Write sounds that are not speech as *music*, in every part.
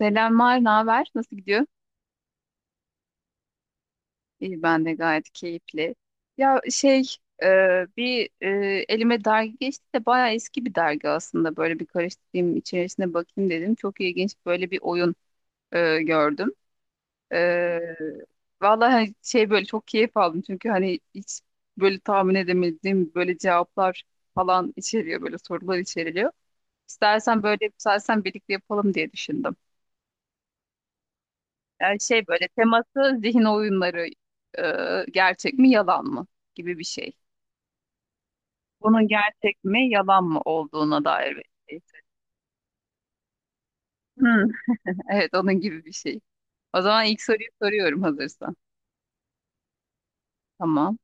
Selamlar, ne haber? Nasıl gidiyor? İyi, ben de gayet keyifli. Ya şey, e, bir e, Elime dergi geçti de bayağı eski bir dergi aslında. Böyle bir karıştırayım, içerisine bakayım dedim. Çok ilginç böyle bir oyun gördüm. E, Vallahi hani şey böyle çok keyif aldım. Çünkü hani hiç böyle tahmin edemediğim böyle cevaplar falan içeriyor, böyle sorular içeriliyor. İstersen böyle, istersen birlikte yapalım diye düşündüm. Yani şey böyle teması zihin oyunları, gerçek mi yalan mı gibi bir şey. Bunun gerçek mi yalan mı olduğuna dair bir şey. Hmm, evet, onun gibi bir şey. O zaman ilk soruyu soruyorum hazırsan. Tamam.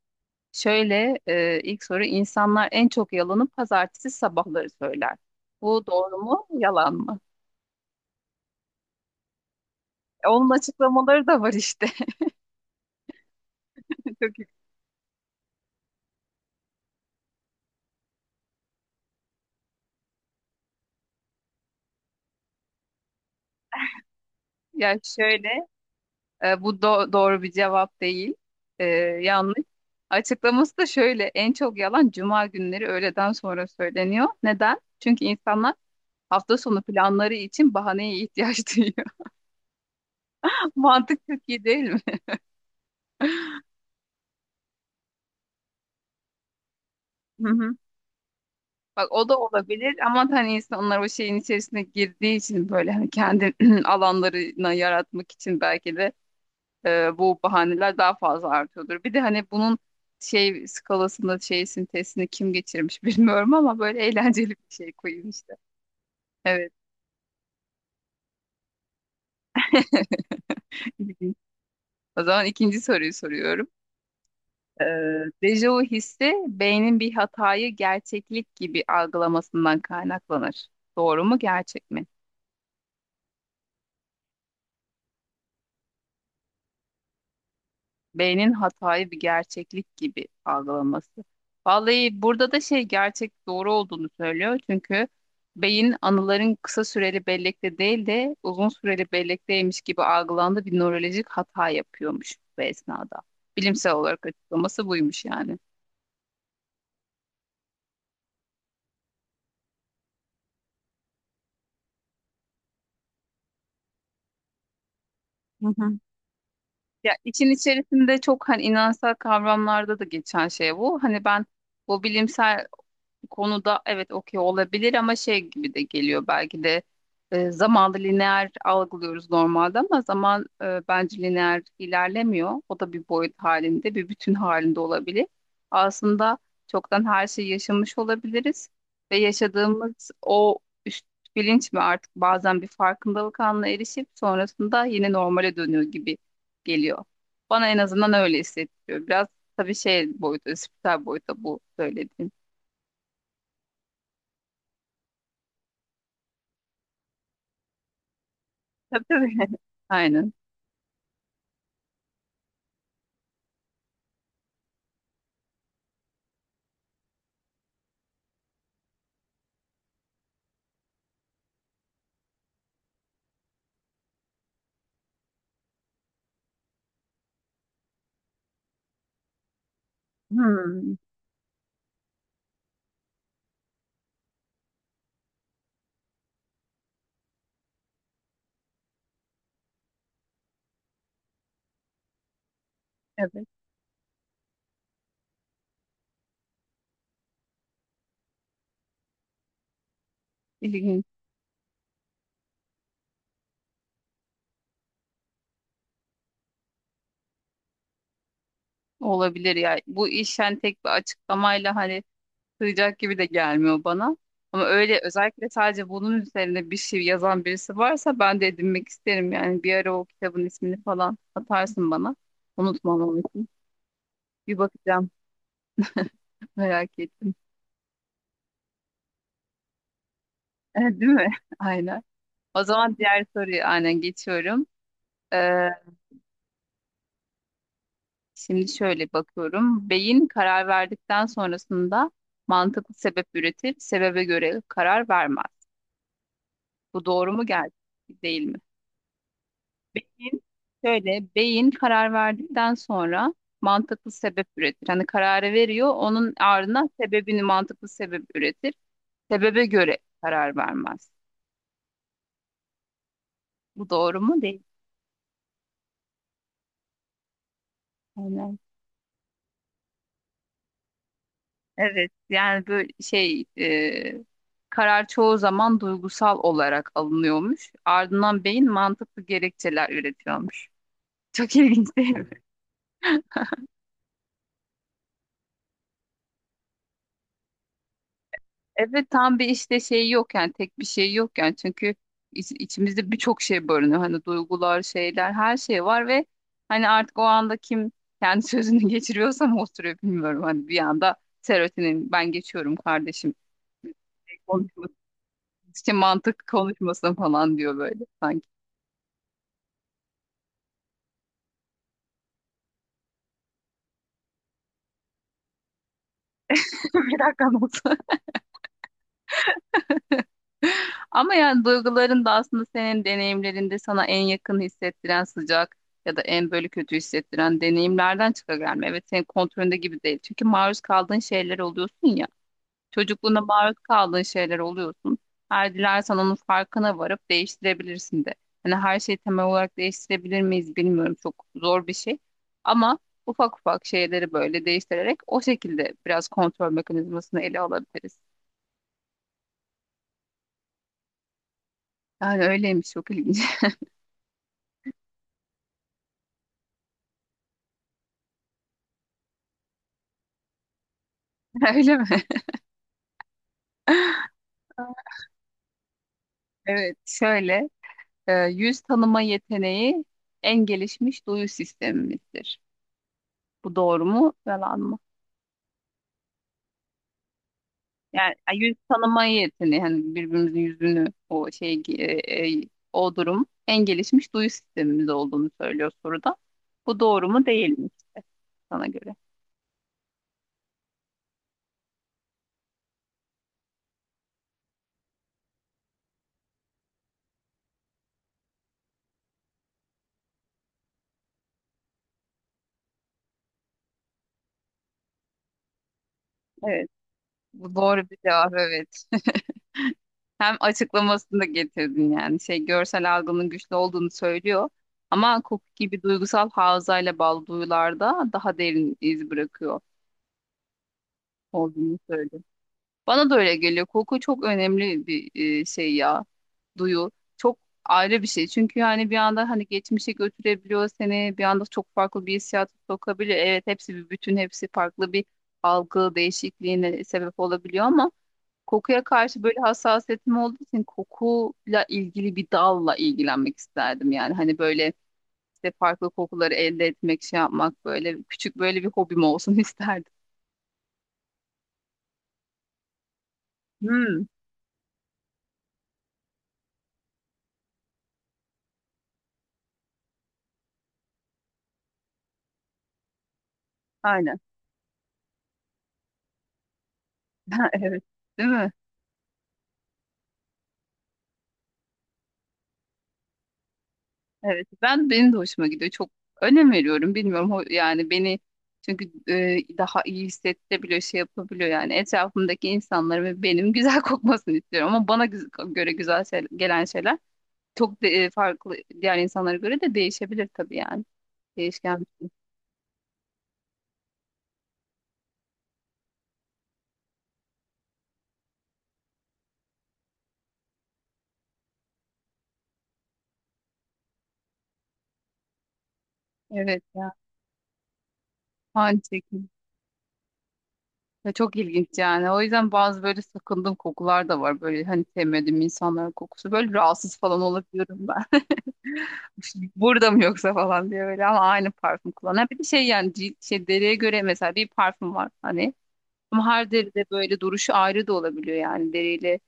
İlk soru: insanlar en çok yalanı pazartesi sabahları söyler. Bu doğru mu yalan mı? Onun açıklamaları da var işte. *laughs* Çok iyi. Yani şöyle, doğru bir cevap değil. E, Yanlış. Açıklaması da şöyle. En çok yalan cuma günleri öğleden sonra söyleniyor. Neden? Çünkü insanlar hafta sonu planları için bahaneye ihtiyaç duyuyor. *laughs* Mantık çok iyi değil mi? Hı hı. Bak o da olabilir ama hani insanlar o şeyin içerisine girdiği için böyle hani kendi *clears throat* alanlarına yaratmak için belki de bu bahaneler daha fazla artıyordur. Bir de hani bunun şey skalasında şey sintezini kim geçirmiş *laughs* bilmiyorum ama böyle eğlenceli bir şey koyayım işte. Evet. *laughs* İlginç. O zaman ikinci soruyu soruyorum. Ee, Dejavu hissi beynin bir hatayı gerçeklik gibi algılamasından kaynaklanır. Doğru mu, gerçek mi? Beynin hatayı bir gerçeklik gibi algılaması. Vallahi burada da şey, gerçek doğru olduğunu söylüyor. Çünkü beyin anıların kısa süreli bellekte değil de uzun süreli bellekteymiş gibi algılandığı bir nörolojik hata yapıyormuş bu esnada. Bilimsel olarak açıklaması buymuş yani. Hı hı. Ya için içerisinde çok hani inançsal kavramlarda da geçen şey bu. Hani ben bu bilimsel, bu konuda evet okey olabilir ama şey gibi de geliyor belki de. Zamanı lineer algılıyoruz normalde ama zaman, bence lineer ilerlemiyor. O da bir boyut halinde, bir bütün halinde olabilir. Aslında çoktan her şeyi yaşamış olabiliriz ve yaşadığımız o üst bilinç mi artık bazen bir farkındalık anına erişip sonrasında yine normale dönüyor gibi geliyor. Bana en azından öyle hissettiriyor. Biraz tabii şey boyutu, spiritüel boyuta bu söylediğim. Tabii tabii. *laughs* Aynen. Hmm, evet. İlginç olabilir ya. Bu iş yani tek bir açıklamayla hani sığacak gibi de gelmiyor bana. Ama öyle özellikle sadece bunun üzerine bir şey yazan birisi varsa ben de edinmek isterim. Yani bir ara o kitabın ismini falan atarsın bana. Unutmamam için. Bir bakacağım. *laughs* Merak ettim. *laughs* Eh, değil mi? *laughs* Aynen. O zaman diğer soruyu aynen geçiyorum. Ee, Şimdi şöyle bakıyorum. Beyin karar verdikten sonrasında mantıklı sebep üretir, sebebe göre karar vermez. Bu doğru mu geldi değil mi? Beyin- Şöyle, beyin karar verdikten sonra mantıklı sebep üretir. Hani kararı veriyor, onun ardına sebebini mantıklı sebep üretir. Sebebe göre karar vermez. Bu doğru mu değil mi? Evet yani böyle şey, karar çoğu zaman duygusal olarak alınıyormuş. Ardından beyin mantıklı gerekçeler üretiyormuş. *laughs* Çok ilginç değil mi? Evet. *laughs* Tam bir işte şey yok yani, tek bir şey yok yani çünkü içimizde birçok şey barınıyor. Hani duygular, şeyler, her şey var ve hani artık o anda kim kendi sözünü *laughs* geçiriyorsa mı oturuyor bilmiyorum. Hani bir anda serotinin ben geçiyorum kardeşim konuşması, işte mantık konuşmasın falan diyor böyle sanki. *laughs* Bir dakikan olsun. Ama yani duyguların da aslında senin deneyimlerinde sana en yakın hissettiren sıcak ya da en böyle kötü hissettiren deneyimlerden çıka gelme. Evet, senin kontrolünde gibi değil. Çünkü maruz kaldığın şeyler oluyorsun ya. Çocukluğunda maruz kaldığın şeyler oluyorsun. Her dilersen onun farkına varıp değiştirebilirsin de. Hani her şeyi temel olarak değiştirebilir miyiz bilmiyorum. Çok zor bir şey. Ama ufak ufak şeyleri böyle değiştirerek o şekilde biraz kontrol mekanizmasını ele alabiliriz. Yani öyleymiş, çok ilginç. *laughs* Öyle mi? Evet, şöyle, yüz tanıma yeteneği en gelişmiş duyu sistemimizdir. Bu doğru mu, yalan mı? Yani yüz tanıma yeteneği hani birbirimizin yüzünü o şey, o durum en gelişmiş duyu sistemimiz olduğunu söylüyor soruda. Bu doğru mu değil mi işte sana göre? Evet, bu doğru bir cevap, evet. Hem açıklamasını da getirdin yani. Şey, görsel algının güçlü olduğunu söylüyor. Ama koku gibi duygusal havzayla bağlı duyularda daha derin iz bırakıyor olduğunu söylüyor. Bana da öyle geliyor. Koku çok önemli bir şey ya. Duyu. Çok ayrı bir şey. Çünkü yani bir anda hani geçmişe götürebiliyor seni. Bir anda çok farklı bir hissiyat sokabiliyor. Evet, hepsi bir bütün, hepsi farklı bir algı değişikliğine sebep olabiliyor ama kokuya karşı böyle hassasiyetim olduğu için kokuyla ilgili bir dalla ilgilenmek isterdim. Yani hani böyle işte farklı kokuları elde etmek, şey yapmak böyle küçük böyle bir hobim olsun *laughs* isterdim. Hmm, aynen. *laughs* Ha, evet. Değil mi? Evet. Ben benim de hoşuma gidiyor. Çok önem veriyorum. Bilmiyorum, yani beni, çünkü daha iyi hissettirebiliyor, şey yapabiliyor. Yani etrafımdaki insanların ve benim güzel *laughs* kokmasını istiyorum ama bana göre güzel gelen şeyler çok farklı, diğer insanlara göre de değişebilir tabii yani. Değişken bir şey. Evet ya. Aynı şekilde. Ve çok ilginç yani. O yüzden bazı böyle sakındığım kokular da var. Böyle hani sevmediğim insanların kokusu. Böyle rahatsız falan olabiliyorum ben. *laughs* Burada mı yoksa falan diye böyle, ama aynı parfüm kullanan. Bir de şey yani cilt, şey deriye göre mesela bir parfüm var hani. Ama her deride böyle duruşu ayrı da olabiliyor yani deriyle,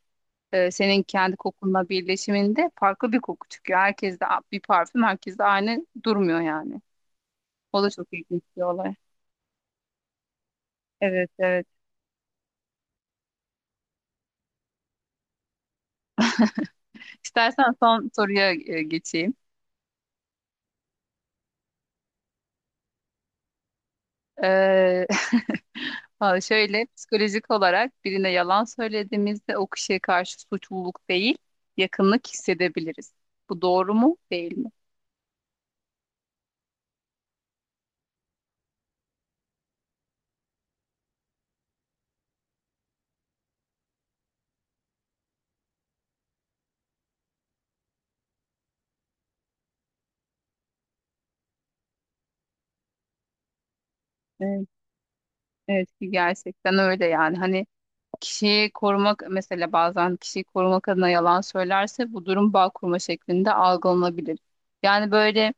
senin kendi kokunla birleşiminde farklı bir koku çıkıyor. Herkes de bir parfüm, herkes de aynı durmuyor yani. O da çok ilginç bir olay. Evet, evet. İstersen son soruya geçeyim. Ee, *laughs* ha, şöyle, psikolojik olarak birine yalan söylediğimizde o kişiye karşı suçluluk değil, yakınlık hissedebiliriz. Bu doğru mu, değil mi? Evet, evet ki gerçekten öyle yani. Hani kişiyi korumak, mesela bazen kişiyi korumak adına yalan söylerse bu durum bağ kurma şeklinde algılanabilir. Yani böyle,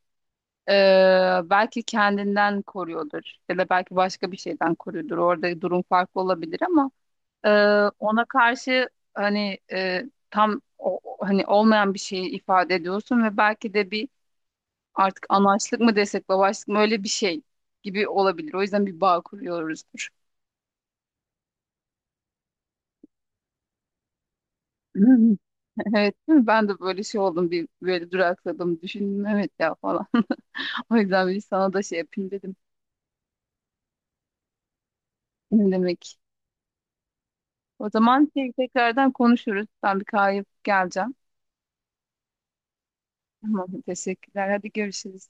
Belki kendinden koruyordur ya da belki başka bir şeyden koruyordur. Orada durum farklı olabilir ama e, ona karşı hani, tam hani olmayan bir şeyi ifade ediyorsun ve belki de bir artık anaçlık mı desek babaçlık mı öyle bir şey gibi olabilir. O yüzden bir bağ kuruyoruzdur. *laughs* Evet, değil mi? Ben de böyle şey oldum, bir böyle durakladım, düşündüm evet ya falan. *laughs* O yüzden bir sana da şey yapayım dedim. Ne demek? O zaman şey, tekrardan konuşuruz. Ben bir kahve yapıp geleceğim. Tamam, teşekkürler. Hadi görüşürüz.